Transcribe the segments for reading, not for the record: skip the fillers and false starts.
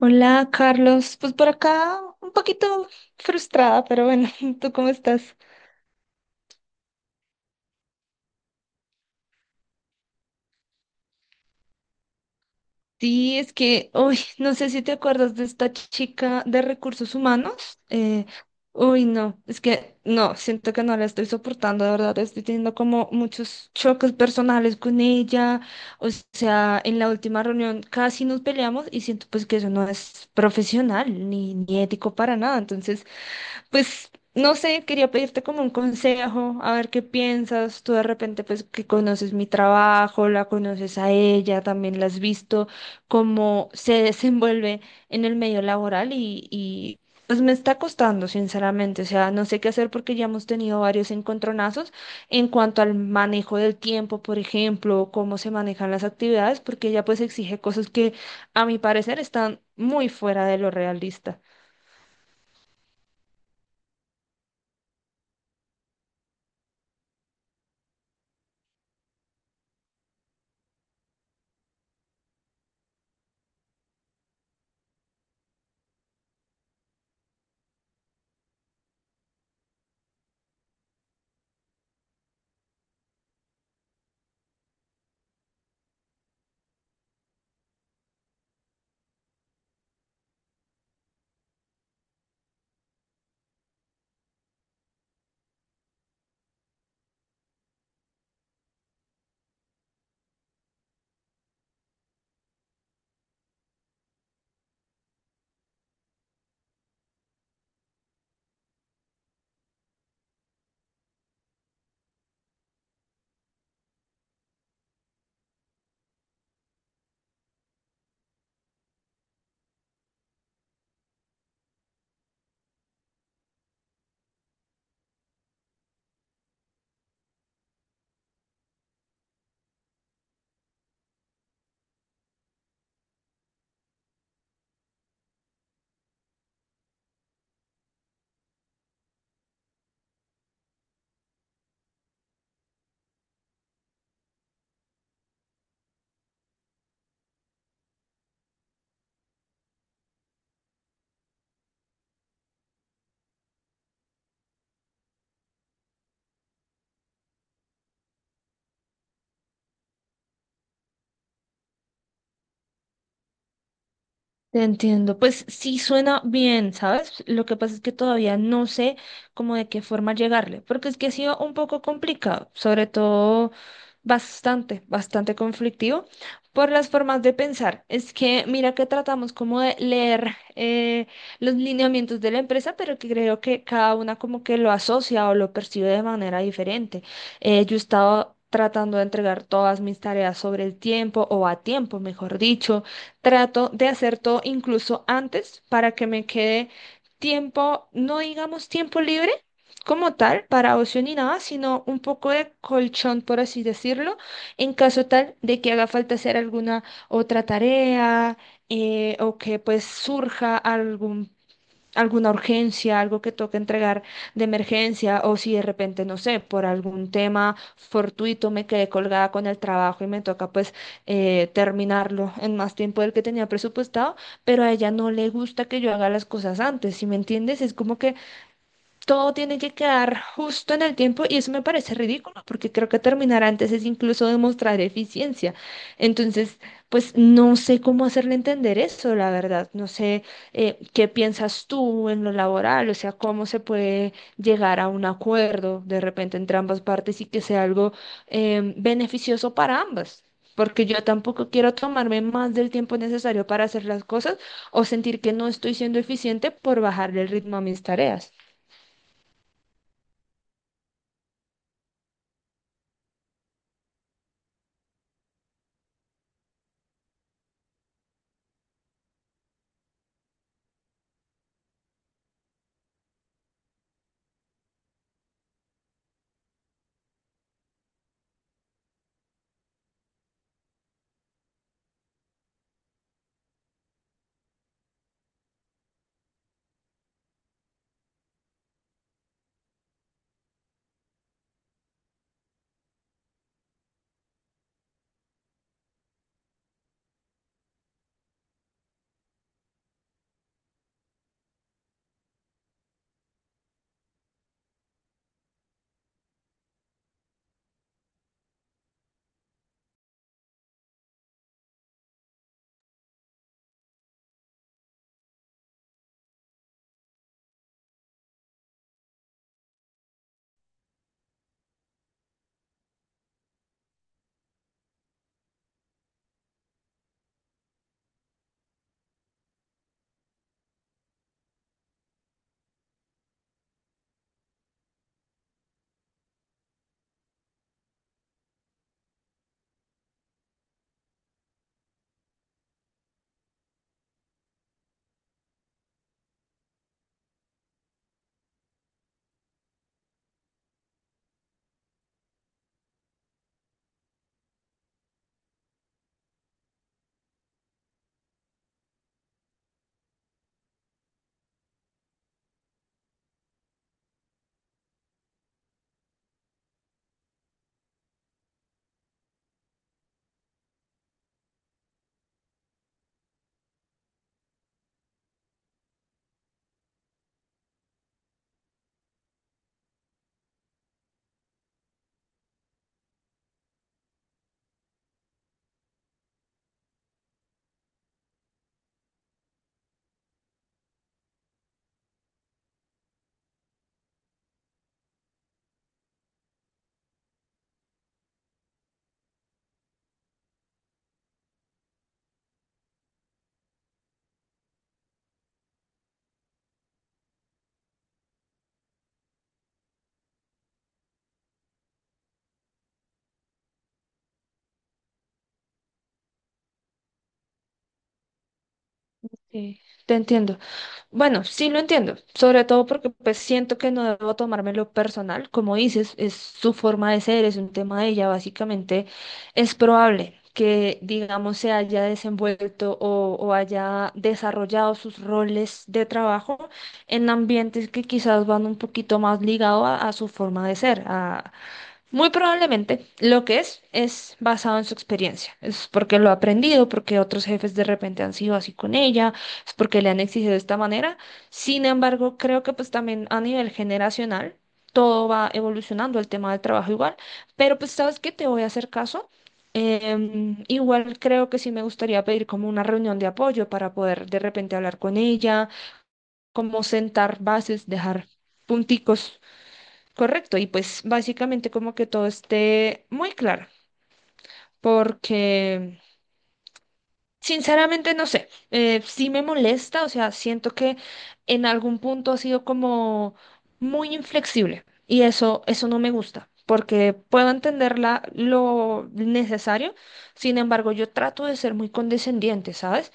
Hola, Carlos. Pues por acá un poquito frustrada, pero bueno, ¿tú cómo estás? Sí, es que, uy, no sé si te acuerdas de esta chica de recursos humanos. No, es que no, siento que no la estoy soportando, de verdad, estoy teniendo como muchos choques personales con ella. O sea, en la última reunión casi nos peleamos y siento pues que eso no es profesional ni ético para nada. Entonces, pues no sé, quería pedirte como un consejo, a ver qué piensas. Tú de repente, pues que conoces mi trabajo, la conoces a ella, también la has visto cómo se desenvuelve en el medio laboral y pues me está costando, sinceramente. O sea, no sé qué hacer porque ya hemos tenido varios encontronazos en cuanto al manejo del tiempo, por ejemplo, cómo se manejan las actividades, porque ella pues exige cosas que a mi parecer están muy fuera de lo realista. Te entiendo, pues sí suena bien, ¿sabes? Lo que pasa es que todavía no sé cómo, de qué forma llegarle, porque es que ha sido un poco complicado, sobre todo bastante, bastante conflictivo por las formas de pensar. Es que mira que tratamos como de leer los lineamientos de la empresa, pero que creo que cada una como que lo asocia o lo percibe de manera diferente. Yo he estado tratando de entregar todas mis tareas sobre el tiempo o a tiempo, mejor dicho. Trato de hacer todo incluso antes para que me quede tiempo, no digamos tiempo libre como tal, para ocio ni nada, sino un poco de colchón, por así decirlo, en caso tal de que haga falta hacer alguna otra tarea, o que pues surja algún alguna urgencia, algo que toque entregar de emergencia, o si de repente, no sé, por algún tema fortuito me quedé colgada con el trabajo y me toca pues terminarlo en más tiempo del que tenía presupuestado, pero a ella no le gusta que yo haga las cosas antes, ¿si me entiendes? Es como que todo tiene que quedar justo en el tiempo y eso me parece ridículo porque creo que terminar antes es incluso demostrar eficiencia. Entonces, pues no sé cómo hacerle entender eso, la verdad. No sé, qué piensas tú en lo laboral, o sea, cómo se puede llegar a un acuerdo de repente entre ambas partes y que sea algo beneficioso para ambas. Porque yo tampoco quiero tomarme más del tiempo necesario para hacer las cosas o sentir que no estoy siendo eficiente por bajarle el ritmo a mis tareas. Sí, te entiendo. Bueno, sí lo entiendo, sobre todo porque pues siento que no debo tomármelo personal, como dices, es su forma de ser, es un tema de ella, básicamente es probable que, digamos, se haya desenvuelto o haya desarrollado sus roles de trabajo en ambientes que quizás van un poquito más ligado a su forma de ser, muy probablemente lo que es basado en su experiencia. Es porque lo ha aprendido, porque otros jefes de repente han sido así con ella, es porque le han exigido de esta manera. Sin embargo, creo que pues también a nivel generacional todo va evolucionando, el tema del trabajo igual. Pero pues sabes que te voy a hacer caso. Igual creo que sí me gustaría pedir como una reunión de apoyo para poder de repente hablar con ella, como sentar bases, dejar punticos. Correcto, y pues básicamente como que todo esté muy claro, porque sinceramente no sé, sí me molesta, o sea, siento que en algún punto ha sido como muy inflexible y eso no me gusta, porque puedo entenderla lo necesario. Sin embargo, yo trato de ser muy condescendiente, ¿sabes?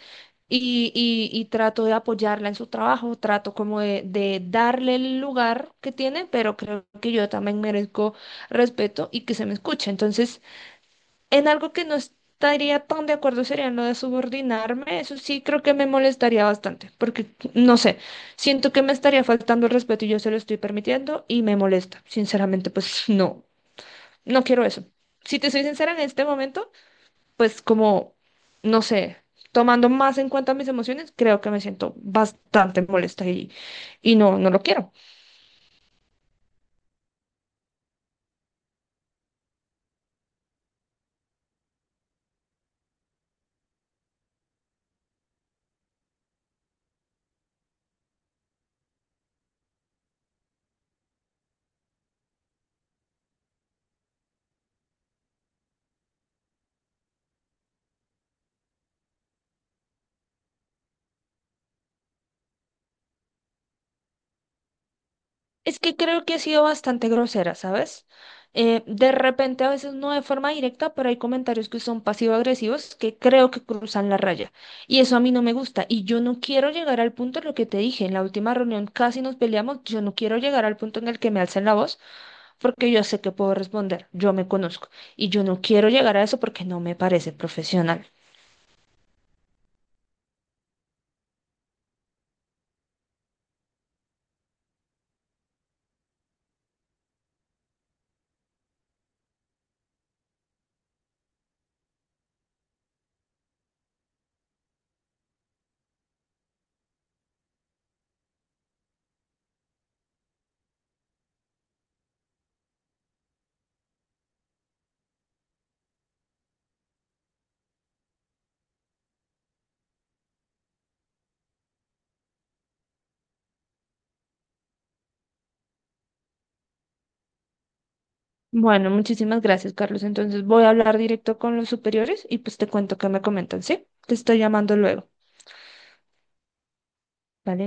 Y trato de apoyarla en su trabajo, trato como de darle el lugar que tiene, pero creo que yo también merezco respeto y que se me escuche. Entonces, en algo que no estaría tan de acuerdo sería en lo de subordinarme. Eso sí creo que me molestaría bastante, porque no sé, siento que me estaría faltando el respeto y yo se lo estoy permitiendo y me molesta. Sinceramente, pues no, no quiero eso. Si te soy sincera en este momento, pues como, no sé, tomando más en cuenta mis emociones, creo que me siento bastante molesta y no, no lo quiero. Es que creo que he sido bastante grosera, ¿sabes? De repente, a veces no de forma directa, pero hay comentarios que son pasivo-agresivos que creo que cruzan la raya. Y eso a mí no me gusta. Y yo no quiero llegar al punto en lo que te dije. En la última reunión casi nos peleamos. Yo no quiero llegar al punto en el que me alcen la voz porque yo sé que puedo responder. Yo me conozco. Y yo no quiero llegar a eso porque no me parece profesional. Bueno, muchísimas gracias, Carlos. Entonces voy a hablar directo con los superiores y pues te cuento qué me comentan, ¿sí? Te estoy llamando luego. ¿Vale?